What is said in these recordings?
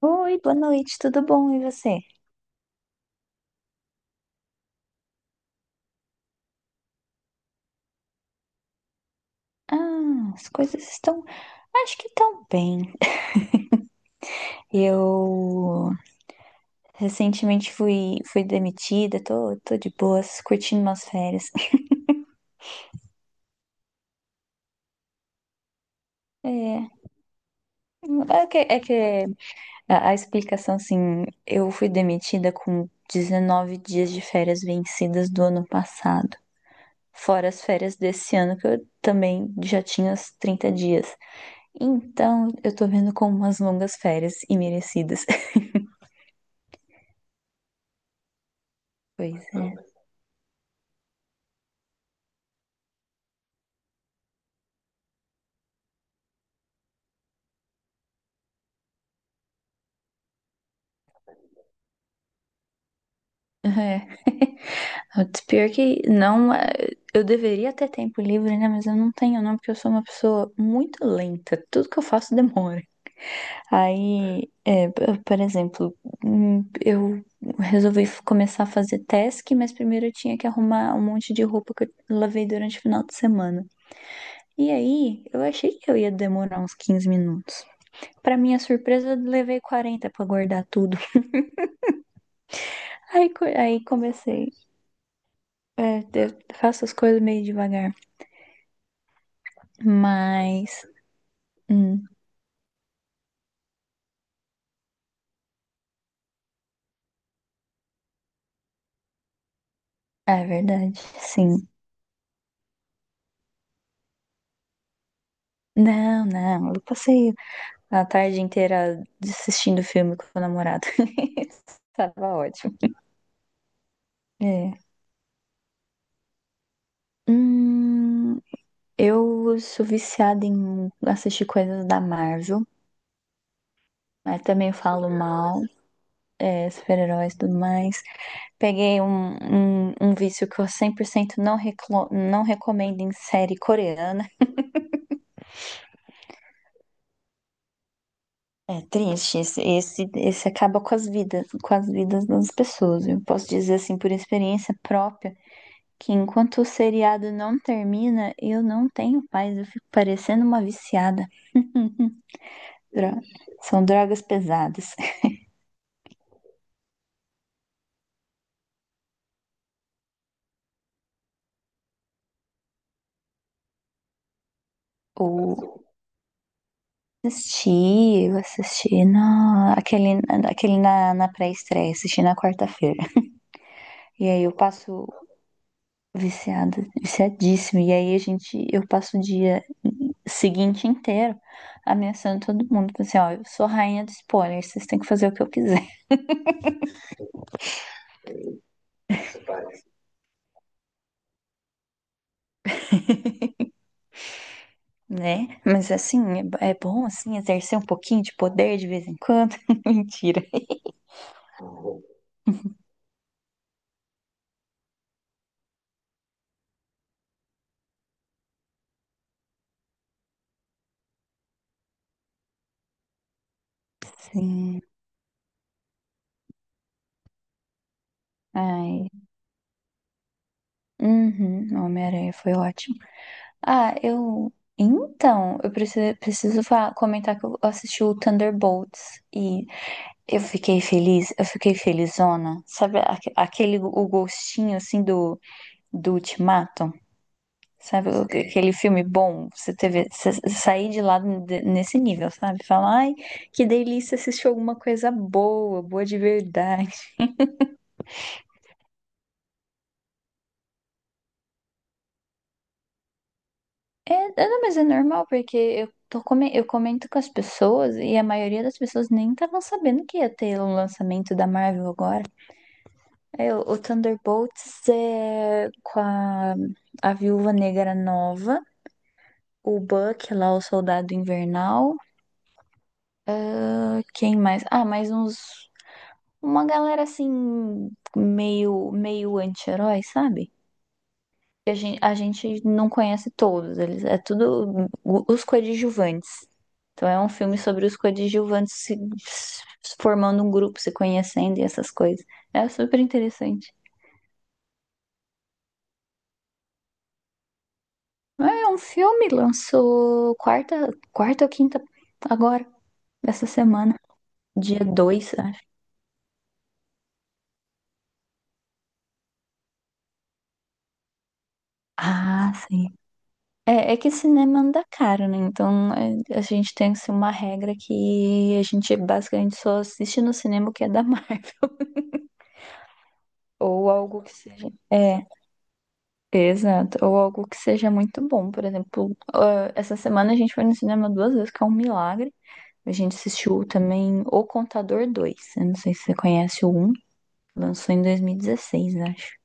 Oi, boa noite, tudo bom? E você? Ah, as coisas estão, acho que estão bem. Eu recentemente fui demitida, tô de boas, curtindo umas férias. É, é que a explicação, assim, eu fui demitida com 19 dias de férias vencidas do ano passado. Fora as férias desse ano, que eu também já tinha os 30 dias. Então, eu tô vendo como umas longas férias e merecidas. Pois é. É, o pior que não, é, eu deveria ter tempo livre, né? Mas eu não tenho, não, porque eu sou uma pessoa muito lenta. Tudo que eu faço demora. Aí, é, por exemplo, eu resolvi começar a fazer task, mas primeiro eu tinha que arrumar um monte de roupa que eu lavei durante o final de semana. E aí, eu achei que eu ia demorar uns 15 minutos. Pra minha surpresa, eu levei 40 pra guardar tudo. Aí, aí comecei. É, eu faço as coisas meio devagar. Mas, hum, é verdade, sim. Não, não, eu passei a tarde inteira assistindo filme com o namorado. Tava ótimo. É. Hum, eu sou viciada em assistir coisas da Marvel. Mas também eu falo mal, é, super-heróis e tudo mais. Peguei um vício que eu 100% não, não recomendo em série coreana. É triste, esse acaba com as vidas das pessoas. Eu posso dizer assim por experiência própria, que enquanto o seriado não termina, eu não tenho paz, eu fico parecendo uma viciada. Dro- São drogas pesadas. Ou assisti, eu assisti na, aquele, aquele na, na pré-estreia, assisti na quarta-feira. E aí eu passo viciada, viciadíssima. E aí a gente, eu passo o dia seguinte inteiro ameaçando todo mundo. Falei assim, ó, eu sou rainha do spoiler, vocês têm que fazer o que eu quiser, né? Mas assim, é, é bom assim exercer um pouquinho de poder de vez em quando. Mentira. Sim. Ai. Uhum, Homem-Aranha foi ótimo. Ah, eu. Então, eu preciso, preciso comentar que eu assisti o Thunderbolts e eu fiquei feliz, eu fiquei felizona. Sabe aquele o gostinho assim do, do Ultimato? Sabe, Sei. Aquele filme bom, você teve, você sair de lá nesse nível, sabe? Falar, ai, que delícia assistir alguma coisa boa, boa de verdade. É, não, mas é normal, porque eu, tô, eu comento com as pessoas e a maioria das pessoas nem estavam sabendo que ia ter o lançamento da Marvel agora. É, o Thunderbolts é com a Viúva Negra nova, o Buck lá, o Soldado Invernal. Ah, quem mais? Ah, mais uns. Uma galera assim, meio anti-herói, sabe? Que a gente não conhece todos, eles é tudo os coadjuvantes. Então é um filme sobre os coadjuvantes se formando um grupo, se conhecendo e essas coisas. É super interessante. É um filme, lançou quarta, quarta ou quinta agora, essa semana, dia 2 acho. Ah, sim. É, é que cinema anda caro, né? Então é, a gente tem assim, uma regra que a gente basicamente só assiste no cinema o que é da Marvel. Ou algo que seja. É, exato. Ou algo que seja muito bom. Por exemplo, ah, essa semana a gente foi no cinema duas vezes, que é um milagre. A gente assistiu também O Contador dois. Eu não sei se você conhece o um. Lançou em 2016, acho.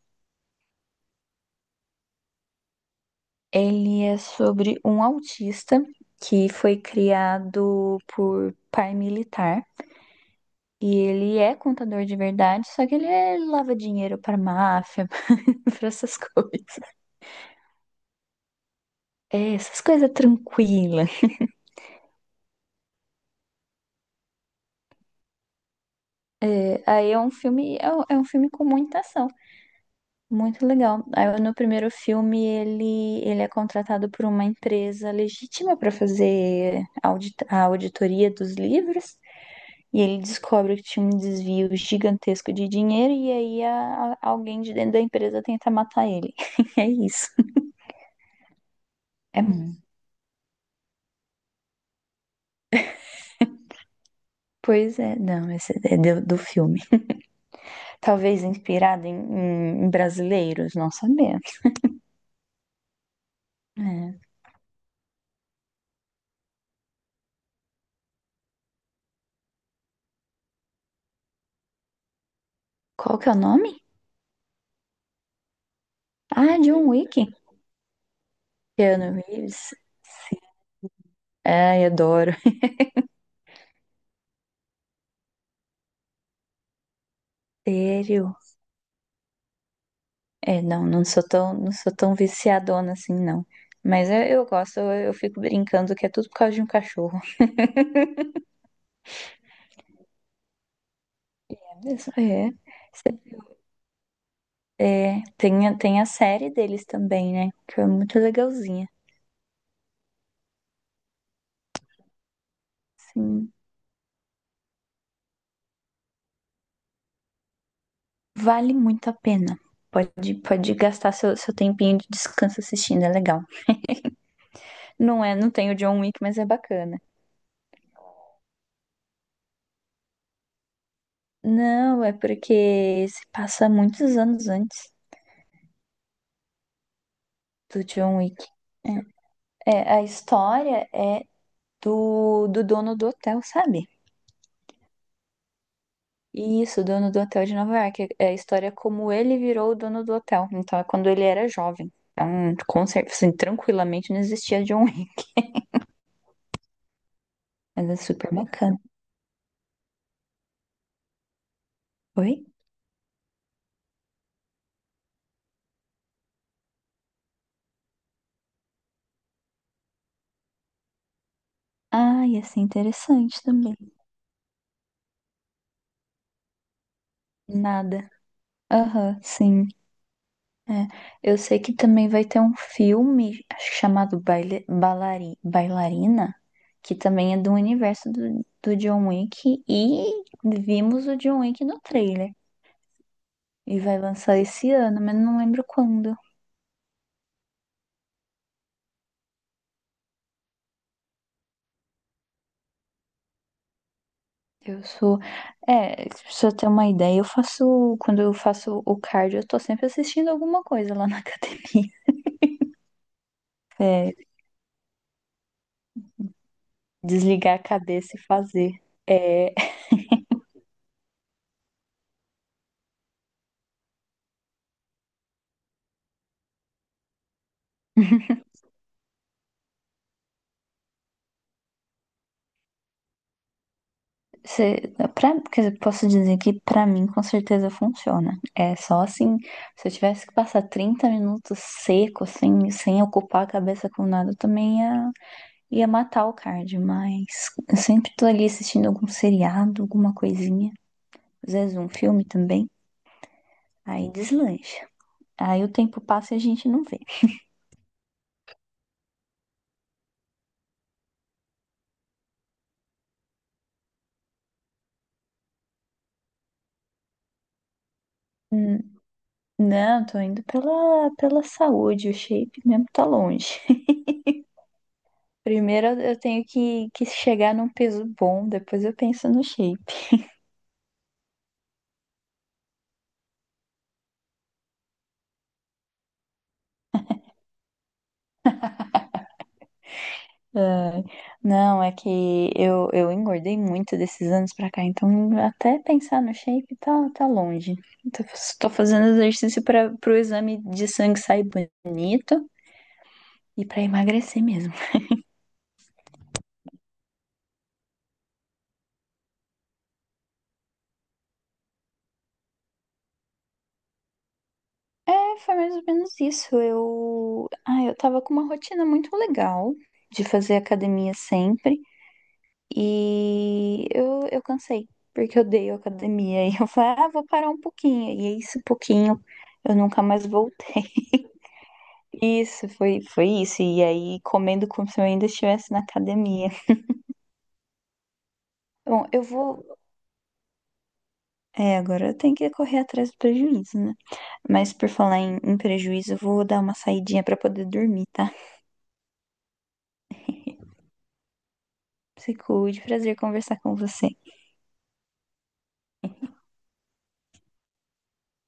Ele é sobre um autista que foi criado por paramilitar. E ele é contador de verdade, só que ele lava dinheiro pra máfia, pra essas coisas. É, essas coisas tranquilas. É, aí é um filme, é, um filme com muita ação, muito legal. Aí no primeiro filme ele, ele é contratado por uma empresa legítima pra fazer audit a auditoria dos livros. E ele descobre que tinha um desvio gigantesco de dinheiro, e aí alguém de dentro da empresa tenta matar ele. É isso. É. Pois é, não, esse é do filme. Talvez inspirado em, brasileiros, não sabemos. É. Qual que é o nome? Ah, John Wick. Keanu Reeves. Sim. Ai, adoro. Sério? É, não sou tão viciadona assim, não. Mas eu gosto, eu fico brincando que é tudo por causa de um cachorro. É mesmo? É. É, tem, tem a série deles também, né? Que é muito legalzinha. Sim. Vale muito a pena. Pode, pode gastar seu, seu tempinho de descanso assistindo, é legal. Não é, não tem o John Wick, mas é bacana. Não, é porque se passa muitos anos antes do John Wick. É, é, a história é do, do dono do hotel, sabe? Isso, o dono do hotel de Nova York. É a história como ele virou o dono do hotel. Então é quando ele era jovem. Então, com certeza, assim, tranquilamente não existia John Wick. Mas é super bacana. Oi? Ah, ia ser interessante também. Nada. Aham, sim. É. Eu sei que também vai ter um filme, acho que chamado Baile, Balari, Bailarina, que também é do universo do, do John Wick, e vimos o John Wick no trailer. E vai lançar esse ano, mas não lembro quando. Eu sou. É, se eu ter uma ideia, eu faço. Quando eu faço o cardio, eu tô sempre assistindo alguma coisa lá na academia. É, desligar a cabeça e fazer. É. Se, pra, quer dizer, posso dizer que pra mim com certeza funciona. É só assim, se eu tivesse que passar 30 minutos seco, sem, sem ocupar a cabeça com nada, eu também ia, ia matar o cardio, mas eu sempre tô ali assistindo algum seriado, alguma coisinha, às vezes um filme também, aí deslancha. Aí o tempo passa e a gente não vê. Hum, Não, tô indo pela, pela saúde, o shape mesmo tá longe. Primeiro eu tenho que chegar num peso bom, depois eu penso no shape. Ai, não, é que eu engordei muito desses anos pra cá, então até pensar no shape tá, tá longe. Tô, tô fazendo exercício para pro exame de sangue sair bonito e pra emagrecer mesmo. É, foi mais ou menos isso. Eu, ah, eu tava com uma rotina muito legal de fazer academia sempre. E eu cansei, porque eu dei academia. E eu falei, ah, vou parar um pouquinho. E esse pouquinho eu nunca mais voltei. Isso, foi, foi isso. E aí, comendo como se eu ainda estivesse na academia. Bom, eu vou. É, agora eu tenho que correr atrás do prejuízo, né? Mas por falar em, em prejuízo, eu vou dar uma saidinha pra poder dormir, tá? Se cuide, prazer conversar com você.